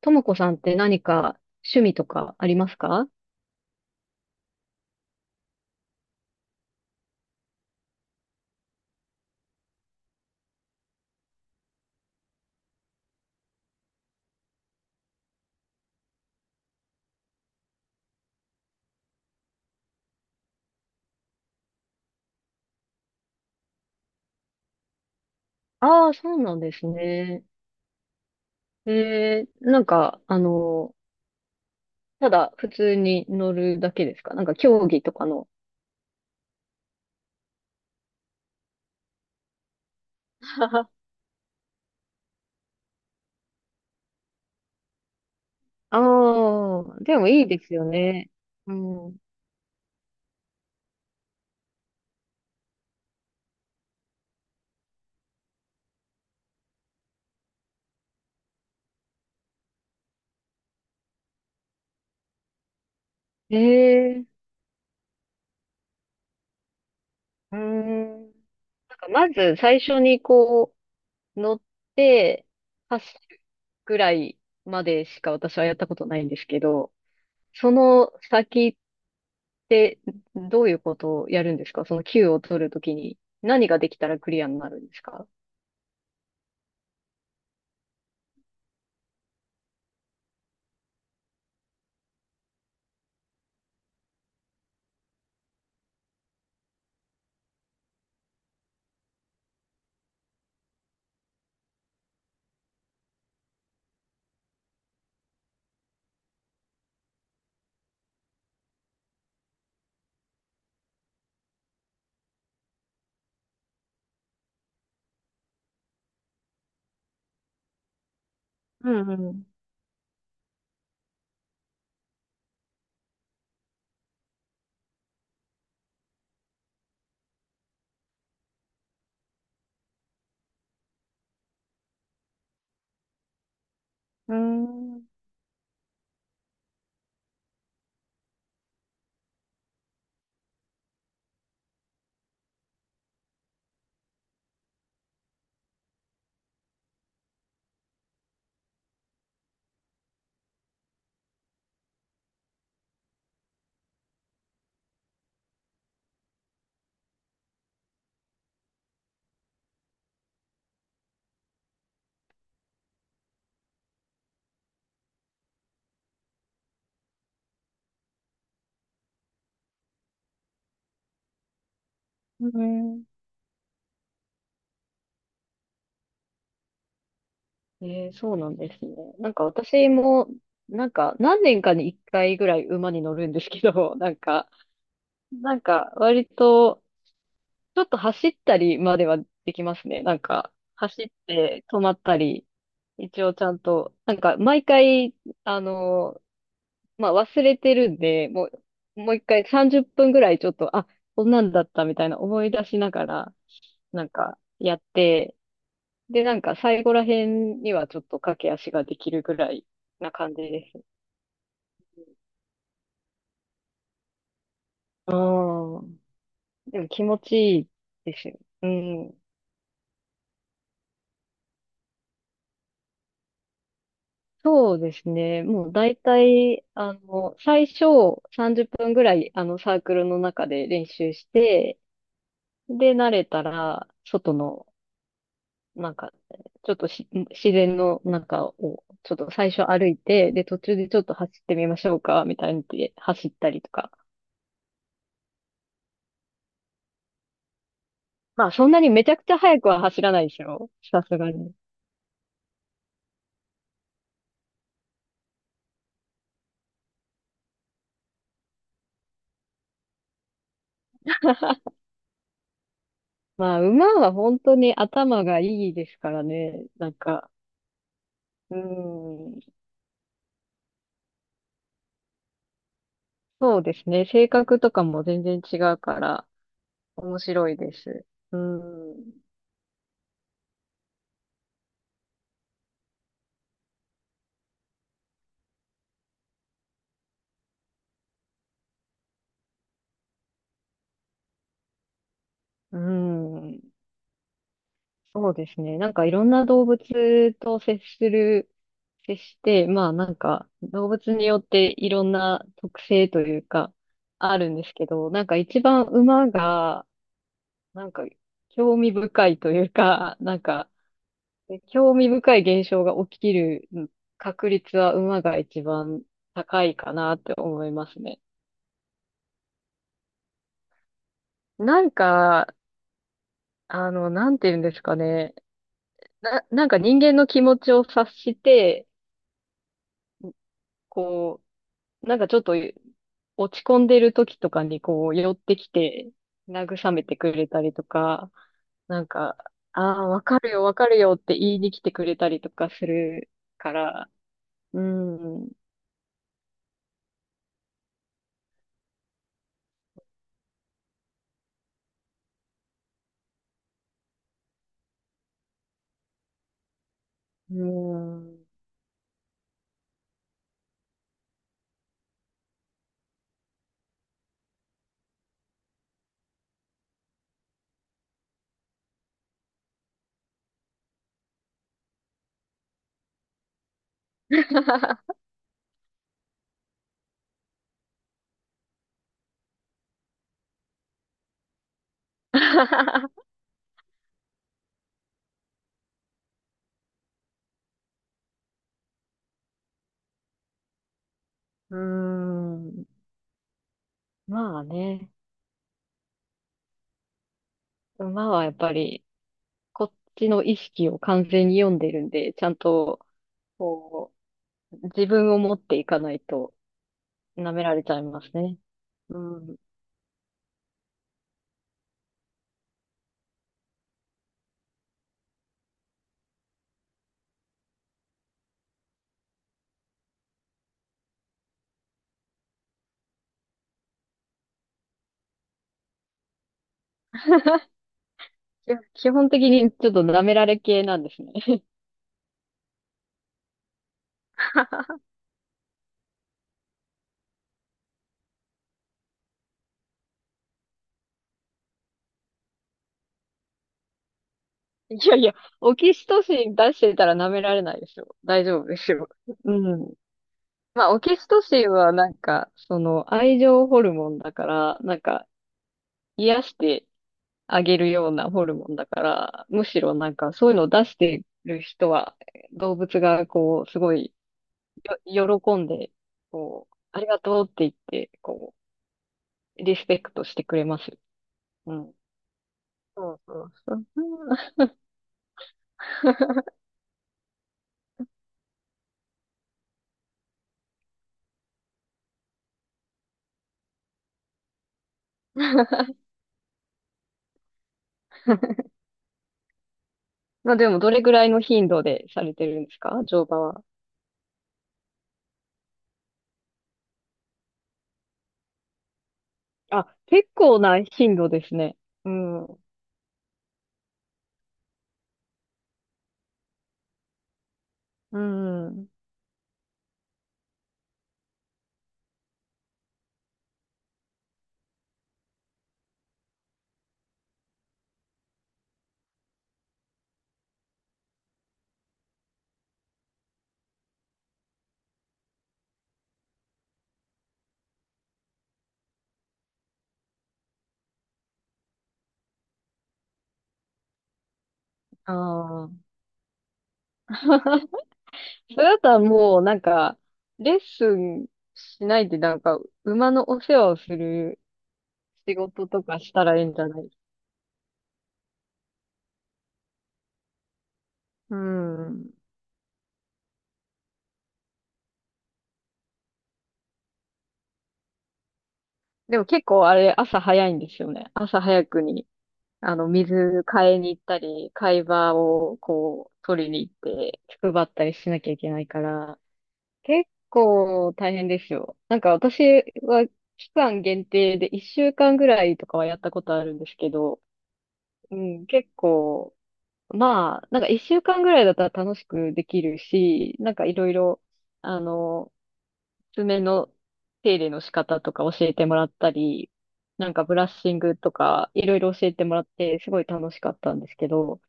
ともこさんって何か趣味とかありますか？ああー、そうなんですね。えー、なんか、あの、ただ普通に乗るだけですか？なんか競技とかの。ああ、でもいいですよね。うん。えー、うん。なんかまず最初にこう、乗って走るぐらいまでしか私はやったことないんですけど、その先で、どういうことをやるんですか？その Q を取るときに何ができたらクリアになるんですか？うんうん。うーん。うん。えー、そうなんですね。なんか私も、なんか何年かに一回ぐらい馬に乗るんですけど、なんか、なんか割と、ちょっと走ったりまではできますね。なんか、走って止まったり、一応ちゃんと、なんか毎回、あの、まあ忘れてるんで、もう、もう一回30分ぐらいちょっと、あ、こんなんだったみたいな思い出しながら、なんかやって、で、なんか最後ら辺にはちょっと駆け足ができるぐらいな感じです。ああ、でも気持ちいいですよ。うん。そうですね。もう大体、最初30分ぐらい、サークルの中で練習して、で、慣れたら、外の、なんか、ちょっとし自然の中を、ちょっと最初歩いて、で、途中でちょっと走ってみましょうか、みたいにで走ったりとか。まあ、そんなにめちゃくちゃ速くは走らないですよ。さすがに。まあ、馬は本当に頭がいいですからね。なんか、うん、そうですね。性格とかも全然違うから、面白いです。うん。うん。そうですね。なんかいろんな動物と接する、接して、まあなんか動物によっていろんな特性というかあるんですけど、なんか一番馬がなんか興味深いというか、なんか興味深い現象が起きる確率は馬が一番高いかなって思いますね。なんか、なんて言うんですかね。なんか人間の気持ちを察して、こう、なんかちょっと落ち込んでる時とかにこう寄ってきて慰めてくれたりとか、なんか、ああ、わかるよ、わかるよって言いに来てくれたりとかするから、うん、うん、うん、まあね、馬はやっぱりこっちの意識を完全に読んでるんで、ちゃんとこう、自分を持っていかないと、舐められちゃいますね。うん。いや基本的にちょっと舐められ系なんですね。いやいや、オキシトシン出してたら舐められないでしょ。大丈夫ですよ。うん。まあ、オキシトシンはなんか、その、愛情ホルモンだから、なんか、癒してあげるようなホルモンだから、むしろなんか、そういうのを出してる人は、動物がこう、すごい、喜んで、こう、ありがとうって言って、こう、リスペクトしてくれますよ。うん。そうそうそう。まあでも、どれぐらいの頻度でされてるんですか？乗馬は。あ、結構な頻度ですね。うん。うん。ああ。それだったらもう、なんか、レッスンしないで、なんか、馬のお世話をする仕事とかしたらいいんじゃない？うん。でも結構あれ、朝早いんですよね。朝早くにあの、水買いに行ったり、貝場をこう、取りに行って、配ったりしなきゃいけないから、結構大変ですよ。なんか私は期間限定で1週間ぐらいとかはやったことあるんですけど、うん、結構、まあ、なんか1週間ぐらいだったら楽しくできるし、なんかいろいろ、あの、爪の手入れの仕方とか教えてもらったり、なんかブラッシングとかいろいろ教えてもらってすごい楽しかったんですけど、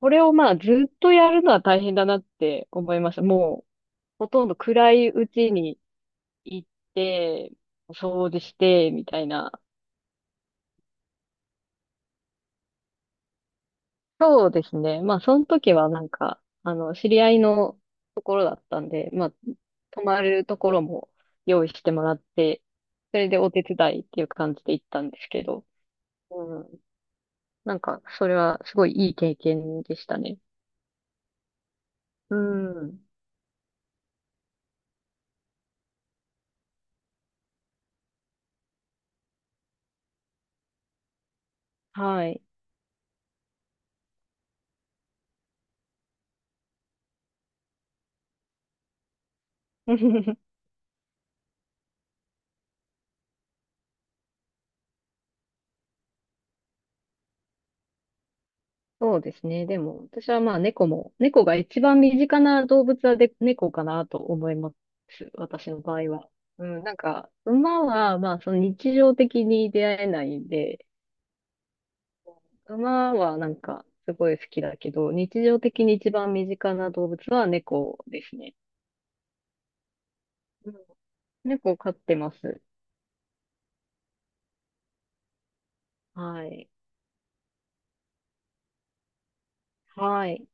これをまあずっとやるのは大変だなって思いました。もうほとんど暗いうちに行って、掃除して、みたいな。そうですね。まあその時はなんか、知り合いのところだったんで、まあ、泊まるところも用意してもらって、それでお手伝いっていう感じで行ったんですけど、うん。なんか、それはすごいいい経験でしたね。うん。はい。そうですね。でも、私はまあ猫も、猫が一番身近な動物はで猫かなと思います。私の場合は。うん、なんか、馬はまあその日常的に出会えないんで、馬はなんかすごい好きだけど、日常的に一番身近な動物は猫ですね。うん、猫を飼ってます。はい。はい。